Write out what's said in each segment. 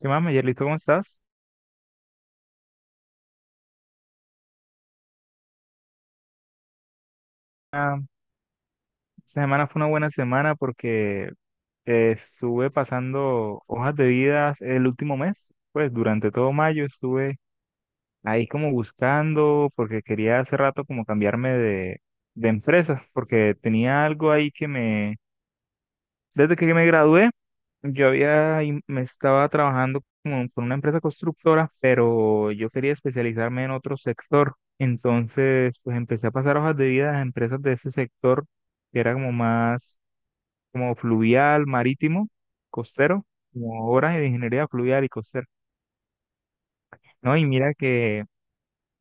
¿Qué más, Mayerlito? ¿Cómo estás? Ah, esta semana fue una buena semana porque estuve pasando hojas de vida el último mes, pues durante todo mayo estuve ahí como buscando porque quería hace rato como cambiarme de empresa porque tenía algo ahí que me... Desde que me gradué, yo había, me estaba trabajando como con una empresa constructora, pero yo quería especializarme en otro sector. Entonces, pues empecé a pasar hojas de vida a las empresas de ese sector, que era como más como fluvial, marítimo, costero, como obras de ingeniería fluvial y costera. No, y mira que,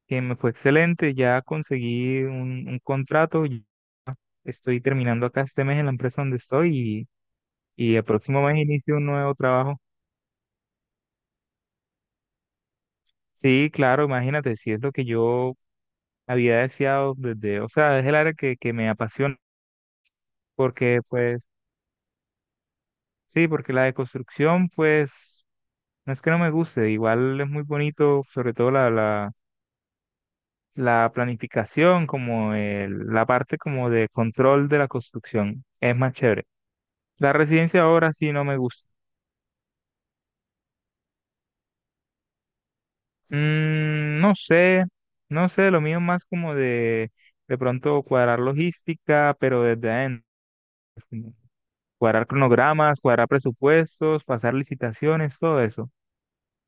que me fue excelente, ya conseguí un contrato, y estoy terminando acá este mes en la empresa donde estoy y el próximo mes inicio un nuevo trabajo. Sí, claro, imagínate, si es lo que yo había deseado desde, o sea, es el área que me apasiona, porque pues, sí, porque la deconstrucción, pues, no es que no me guste, igual es muy bonito, sobre todo la planificación, como la parte como de control de la construcción, es más chévere. La residencia ahora sí no me gusta. Mm, no sé, no sé, lo mío es más como de pronto cuadrar logística, pero desde adentro. Cuadrar cronogramas, cuadrar presupuestos, pasar licitaciones, todo eso.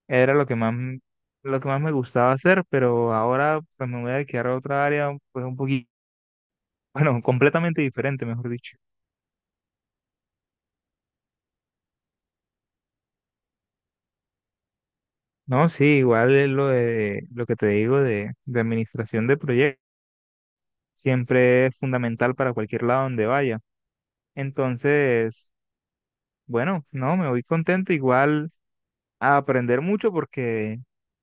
Era lo que más, lo que más me gustaba hacer, pero ahora pues me voy a dedicar a otra área, pues un poquito, bueno, completamente diferente, mejor dicho. No, sí, igual es lo de lo que te digo de administración de proyectos. Siempre es fundamental para cualquier lado donde vaya. Entonces, bueno, no, me voy contento igual a aprender mucho porque...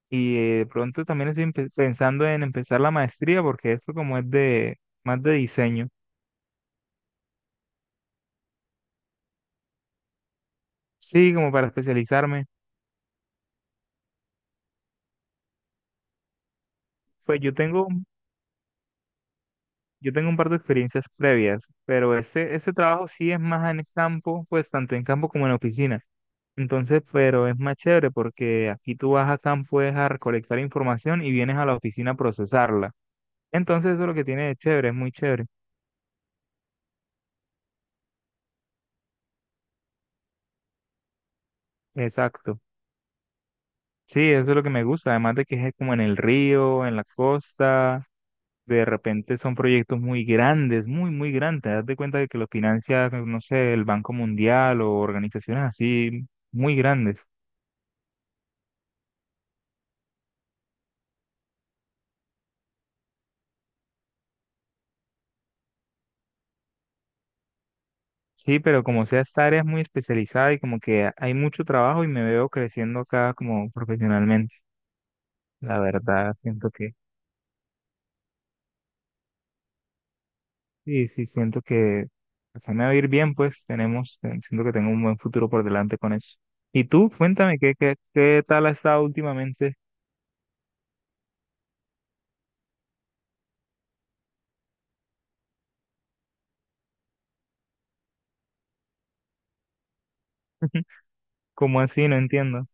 Y de pronto también estoy pensando en empezar la maestría porque esto como es de más de diseño. Sí, como para especializarme. Pues yo tengo, yo tengo un par de experiencias previas, pero ese trabajo sí es más en el campo, pues tanto en campo como en oficina. Entonces, pero es más chévere porque aquí tú vas a campo es a recolectar información y vienes a la oficina a procesarla. Entonces eso es lo que tiene de chévere, es muy chévere. Exacto. Sí, eso es lo que me gusta, además de que es como en el río, en la costa. De repente son proyectos muy grandes, muy, muy grandes. Haz de cuenta de que los financia, no sé, el Banco Mundial o organizaciones así muy grandes. Sí, pero como sea, esta área es muy especializada y como que hay mucho trabajo y me veo creciendo acá como profesionalmente. La verdad, siento que, sí, sí, siento que se me va a ir bien, pues tenemos, siento que tengo un buen futuro por delante con eso. Y tú, cuéntame, ¿qué tal has estado últimamente? ¿Cómo así? No entiendo. O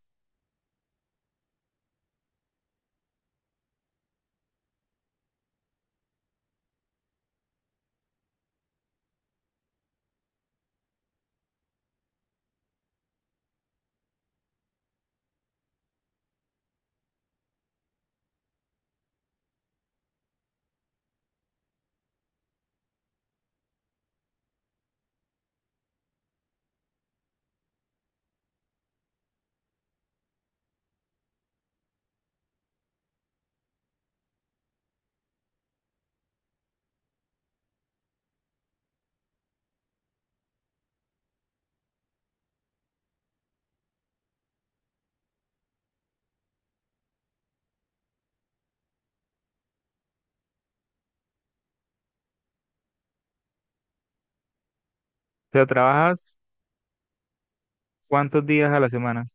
sea, trabajas... ¿Cuántos días a la semana?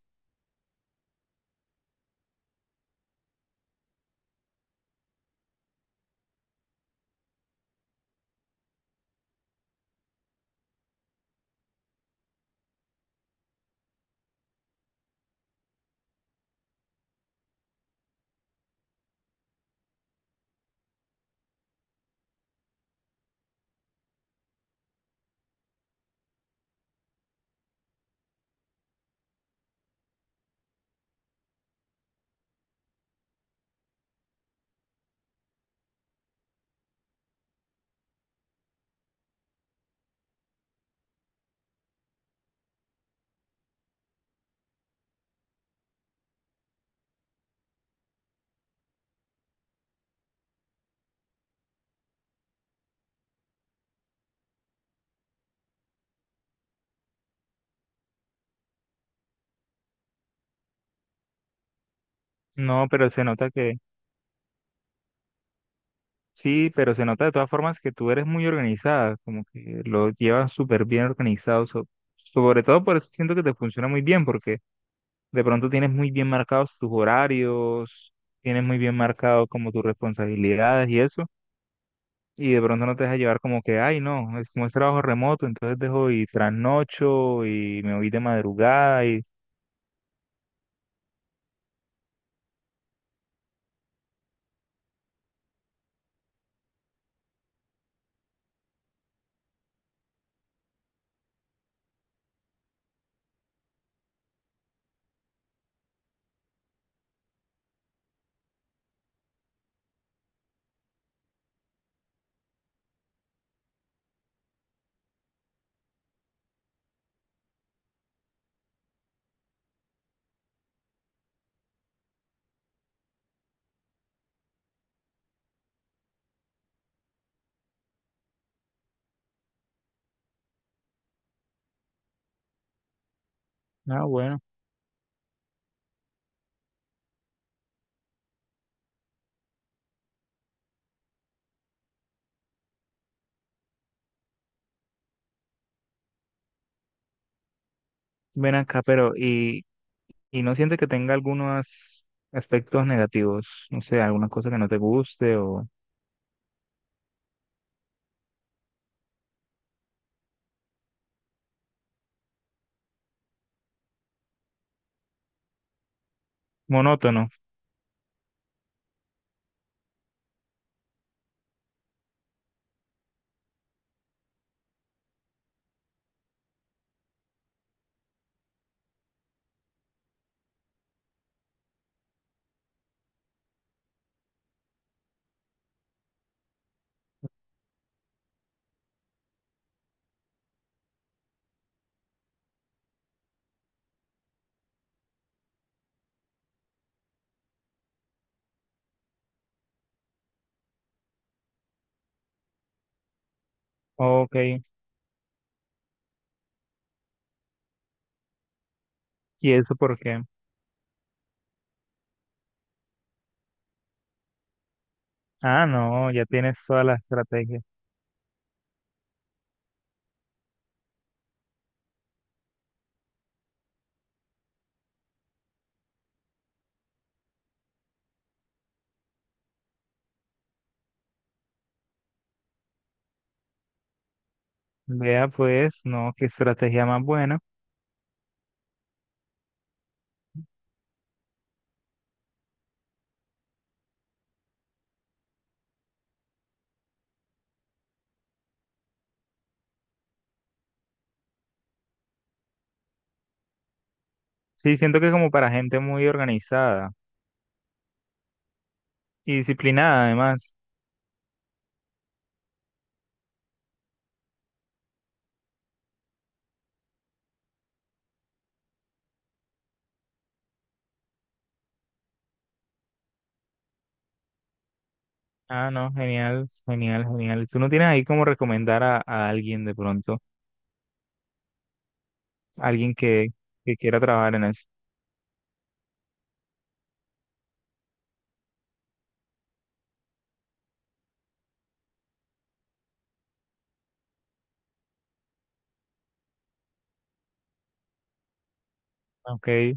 No, pero se nota que, sí, pero se nota de todas formas que tú eres muy organizada, como que lo llevas súper bien organizado, sobre todo por eso siento que te funciona muy bien, porque de pronto tienes muy bien marcados tus horarios, tienes muy bien marcado como tus responsabilidades y eso, y de pronto no te dejas llevar como que, ay, no, es como es trabajo remoto, entonces dejo y trasnocho y me voy de madrugada y... ah, bueno, ven acá, pero... Y no siente que tenga algunos aspectos negativos, no sé, alguna cosa que no te guste o monótono. Ok, ¿y eso por qué? Ah, no, ya tienes toda la estrategia. Vea pues, no, qué estrategia más buena. Sí, siento que como para gente muy organizada y disciplinada además. Ah, no, genial, genial, genial. ¿Tú no tienes ahí como recomendar a alguien de pronto? Alguien que quiera trabajar en eso. Ok,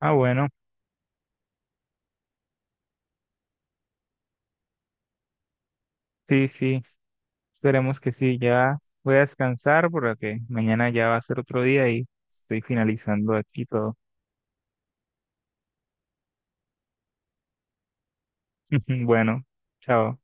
ah, bueno, sí, sí. Esperemos que sí, ya voy a descansar porque mañana ya va a ser otro día y estoy finalizando aquí todo. Bueno, chao.